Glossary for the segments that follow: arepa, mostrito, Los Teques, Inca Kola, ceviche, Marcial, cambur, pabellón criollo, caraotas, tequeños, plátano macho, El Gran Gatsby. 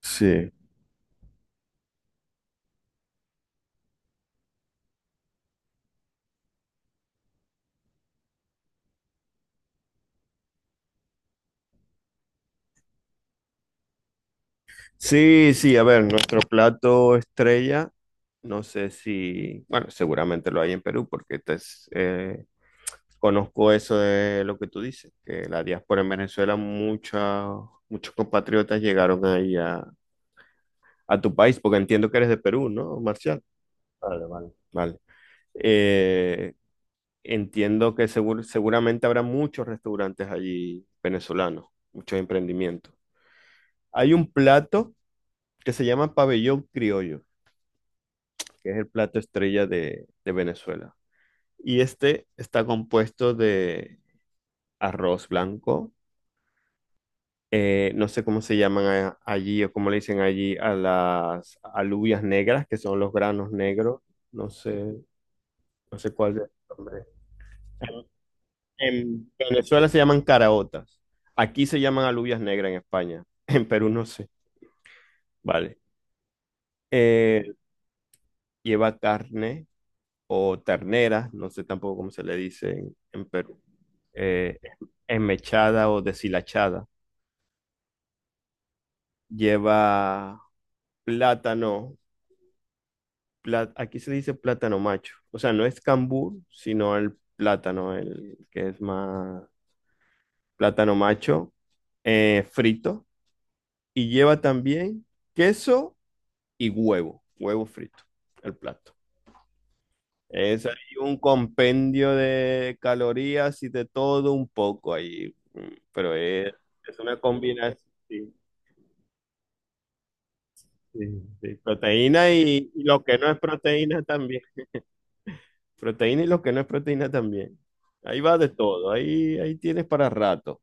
Sí, sí, a ver, nuestro plato estrella, no sé si, bueno, seguramente lo hay en Perú porque conozco eso de lo que tú dices, que la diáspora en Venezuela, muchos compatriotas llegaron ahí a tu país, porque entiendo que eres de Perú, ¿no, Marcial? Vale, vale. Vale. Eh, entiendo que seguramente habrá muchos restaurantes allí venezolanos, muchos emprendimientos. Hay un plato que se llama pabellón criollo, que es el plato estrella de Venezuela. Y este está compuesto de arroz blanco, no sé cómo se llaman allí o cómo le dicen allí a las alubias negras, que son los granos negros, no sé, no sé cuál es el nombre. En Venezuela se llaman caraotas, aquí se llaman alubias negras en España, en Perú no sé, vale. Eh, lleva carne o ternera, no sé tampoco cómo se le dice en Perú. eh, enmechada o deshilachada. Lleva plátano, aquí se dice plátano macho, o sea, no es cambur, sino el plátano, el que es más plátano macho, frito. Y lleva también queso y huevo, huevo frito, el plato. Es ahí un compendio de calorías y de todo un poco ahí, pero es una combinación. Sí. Sí, sí, proteína y lo que no es proteína también. Proteína y lo que no es proteína también. Ahí va de todo, ahí, ahí tienes para rato.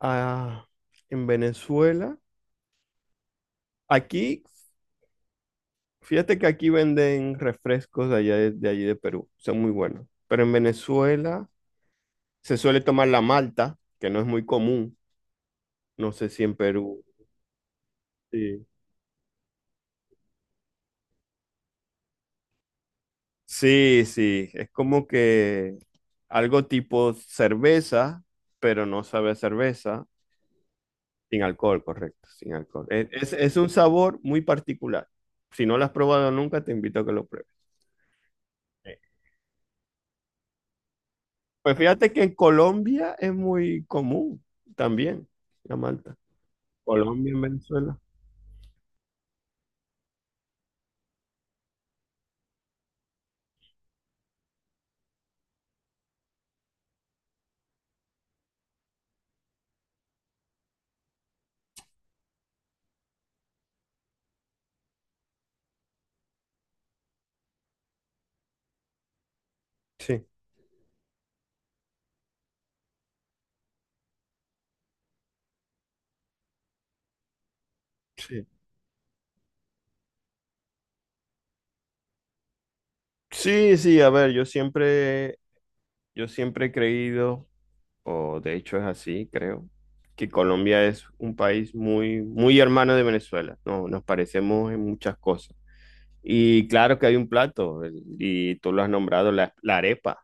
Ah, en Venezuela, aquí, fíjate que aquí venden refrescos de allá de allí de Perú, son muy buenos. Pero en Venezuela se suele tomar la malta, que no es muy común. No sé si en Perú. Sí, sí, es como que algo tipo cerveza, pero no sabe a cerveza. Sin alcohol, correcto, sin alcohol. Es un sabor muy particular. Si no lo has probado nunca, te invito a que lo pruebes. Eh, Pues fíjate que en Colombia es muy común también la malta. Colombia, en Venezuela. Sí, sí. Sí, sí, a ver, yo siempre he creído, o de hecho es así, creo, que Colombia es un país muy, muy hermano de Venezuela. No, nos parecemos en muchas cosas. Y claro que hay un plato, y tú lo has nombrado, la arepa.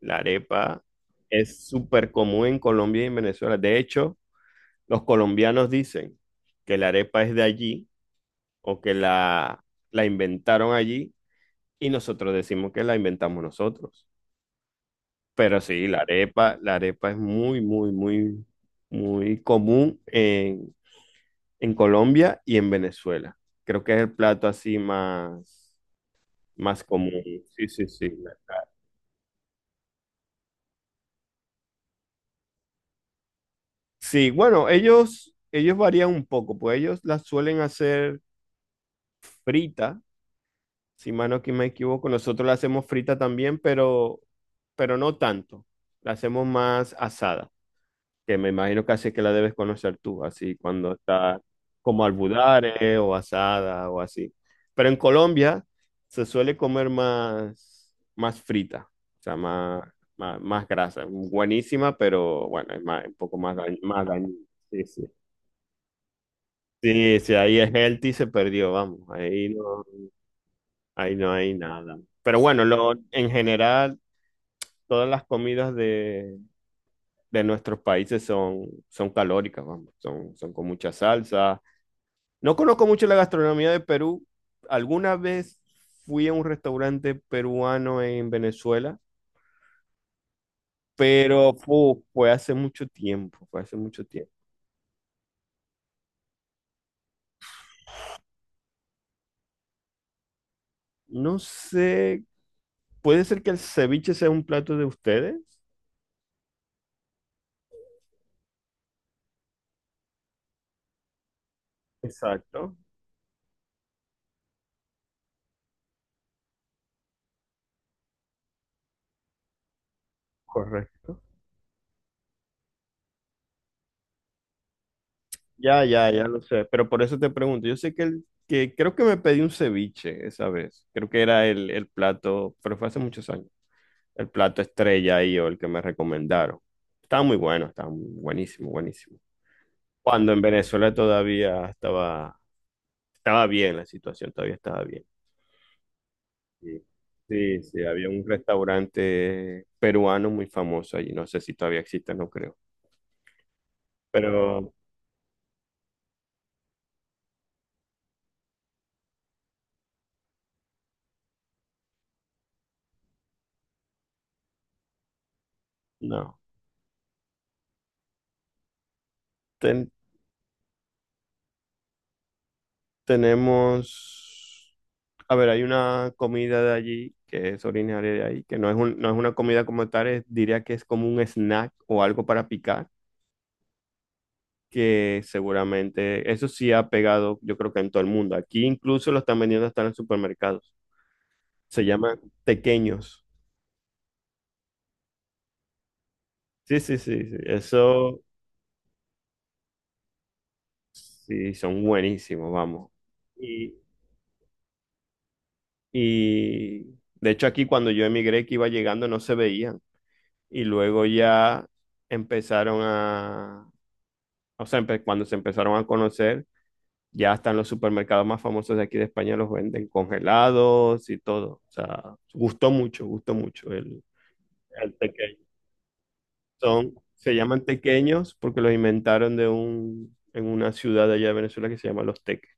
La arepa es súper común en Colombia y en Venezuela. De hecho, los colombianos dicen que la arepa es de allí o que la inventaron allí y nosotros decimos que la inventamos nosotros. Pero sí, la arepa es muy, muy, muy, muy común en Colombia y en Venezuela. Creo que es el plato así más, más común. Sí, sí, sí. Sí, bueno, ellos varían un poco, pues ellos las suelen hacer frita, si mano aquí me equivoco, nosotros la hacemos frita también, pero no tanto. La hacemos más asada, que me imagino que así que la debes conocer tú, así cuando está como albudare o asada o así. Pero en Colombia se suele comer más, más frita, o sea, más, más, más grasa. Buenísima, pero bueno, es más, un poco más, más dañina. Sí, sí. Sí, sí, ahí es healthy, se perdió, vamos, ahí no. Ahí no hay nada. Pero bueno, lo, en general, todas las comidas de nuestros países son, son calóricas, vamos, son, son con mucha salsa. No conozco mucho la gastronomía de Perú. Alguna vez fui a un restaurante peruano en Venezuela, pero fue hace mucho tiempo, fue hace mucho tiempo. No sé, puede ser que el ceviche sea un plato de ustedes. Exacto, correcto. Ya, ya, ya lo sé, pero por eso te pregunto, yo sé que, el, que creo que me pedí un ceviche esa vez, creo que era el plato, pero fue hace muchos años, el plato estrella ahí o el que me recomendaron. Estaba muy bueno, buenísimo, buenísimo. Cuando en Venezuela todavía estaba, estaba bien la situación, todavía estaba bien. Sí, sí, sí, había un restaurante peruano muy famoso allí, no sé si todavía existe, no creo, pero no. ten- Tenemos, a ver, hay una comida de allí que es originaria de ahí, que no es una comida como tal, diría que es como un snack o algo para picar, que seguramente eso sí ha pegado, yo creo que en todo el mundo. Aquí incluso lo están vendiendo hasta en los supermercados. Se llaman tequeños. Sí, sí, sí, sí. Eso sí, son buenísimos, vamos. Y, y de hecho aquí cuando yo emigré que iba llegando no se veían, y luego ya empezaron a, o sea, cuando se empezaron a conocer, ya hasta en los supermercados más famosos de aquí de España los venden congelados y todo. O sea, gustó mucho el tequeño. Son, se llaman tequeños porque los inventaron de un, en una ciudad de allá de Venezuela que se llama Los Teques.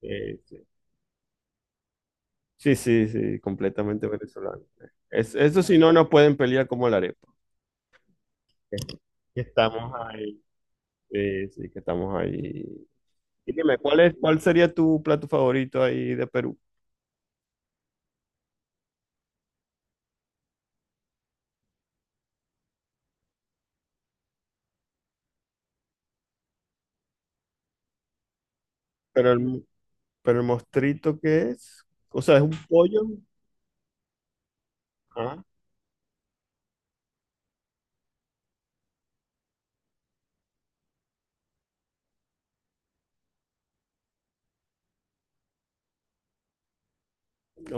Sí. Sí, sí, sí, completamente venezolano. Es, eso si no, no pueden pelear como la arepa. Que estamos ahí. Sí, sí, que estamos ahí. Y dime, ¿cuál es, cuál sería tu plato favorito ahí de Perú? Pero el, pero el mostrito, ¿qué es? O sea, ¿es un pollo? Ah, ok,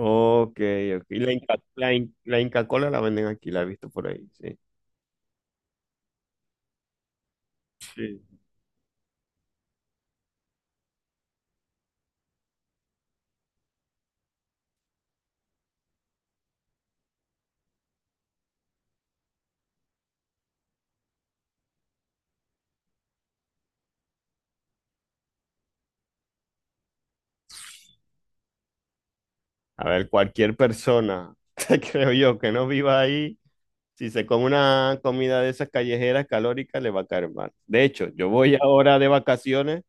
ok. La Inca, la Inca Kola la venden aquí, la he visto por ahí, sí. Sí. A ver, cualquier persona, creo yo, que no viva ahí, si se come una comida de esas callejeras calóricas, le va a caer mal. De hecho, yo voy ahora de vacaciones.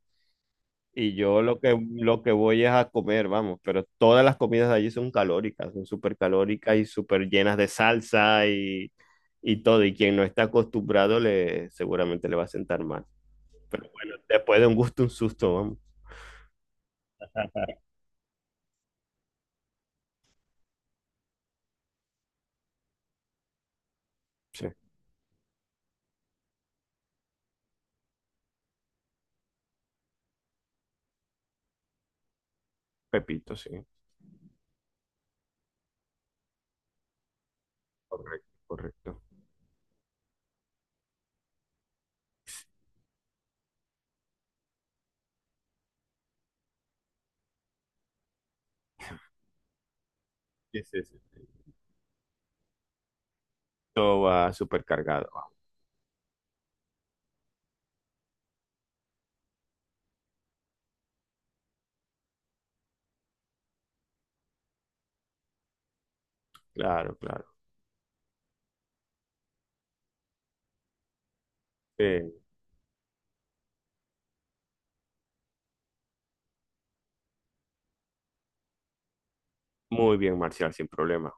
Y yo lo que voy es a comer, vamos, pero todas las comidas de allí son calóricas, son súper calóricas y súper llenas de salsa y todo. Y quien no está acostumbrado le, seguramente le va a sentar mal. Pero bueno, después de un gusto, un susto, vamos. Sí, pepito, sí. Correcto, correcto. Sí, sí, sí, sí. Todo va súper cargado. Claro, claro. Eh, muy bien, Marcial, sin problema.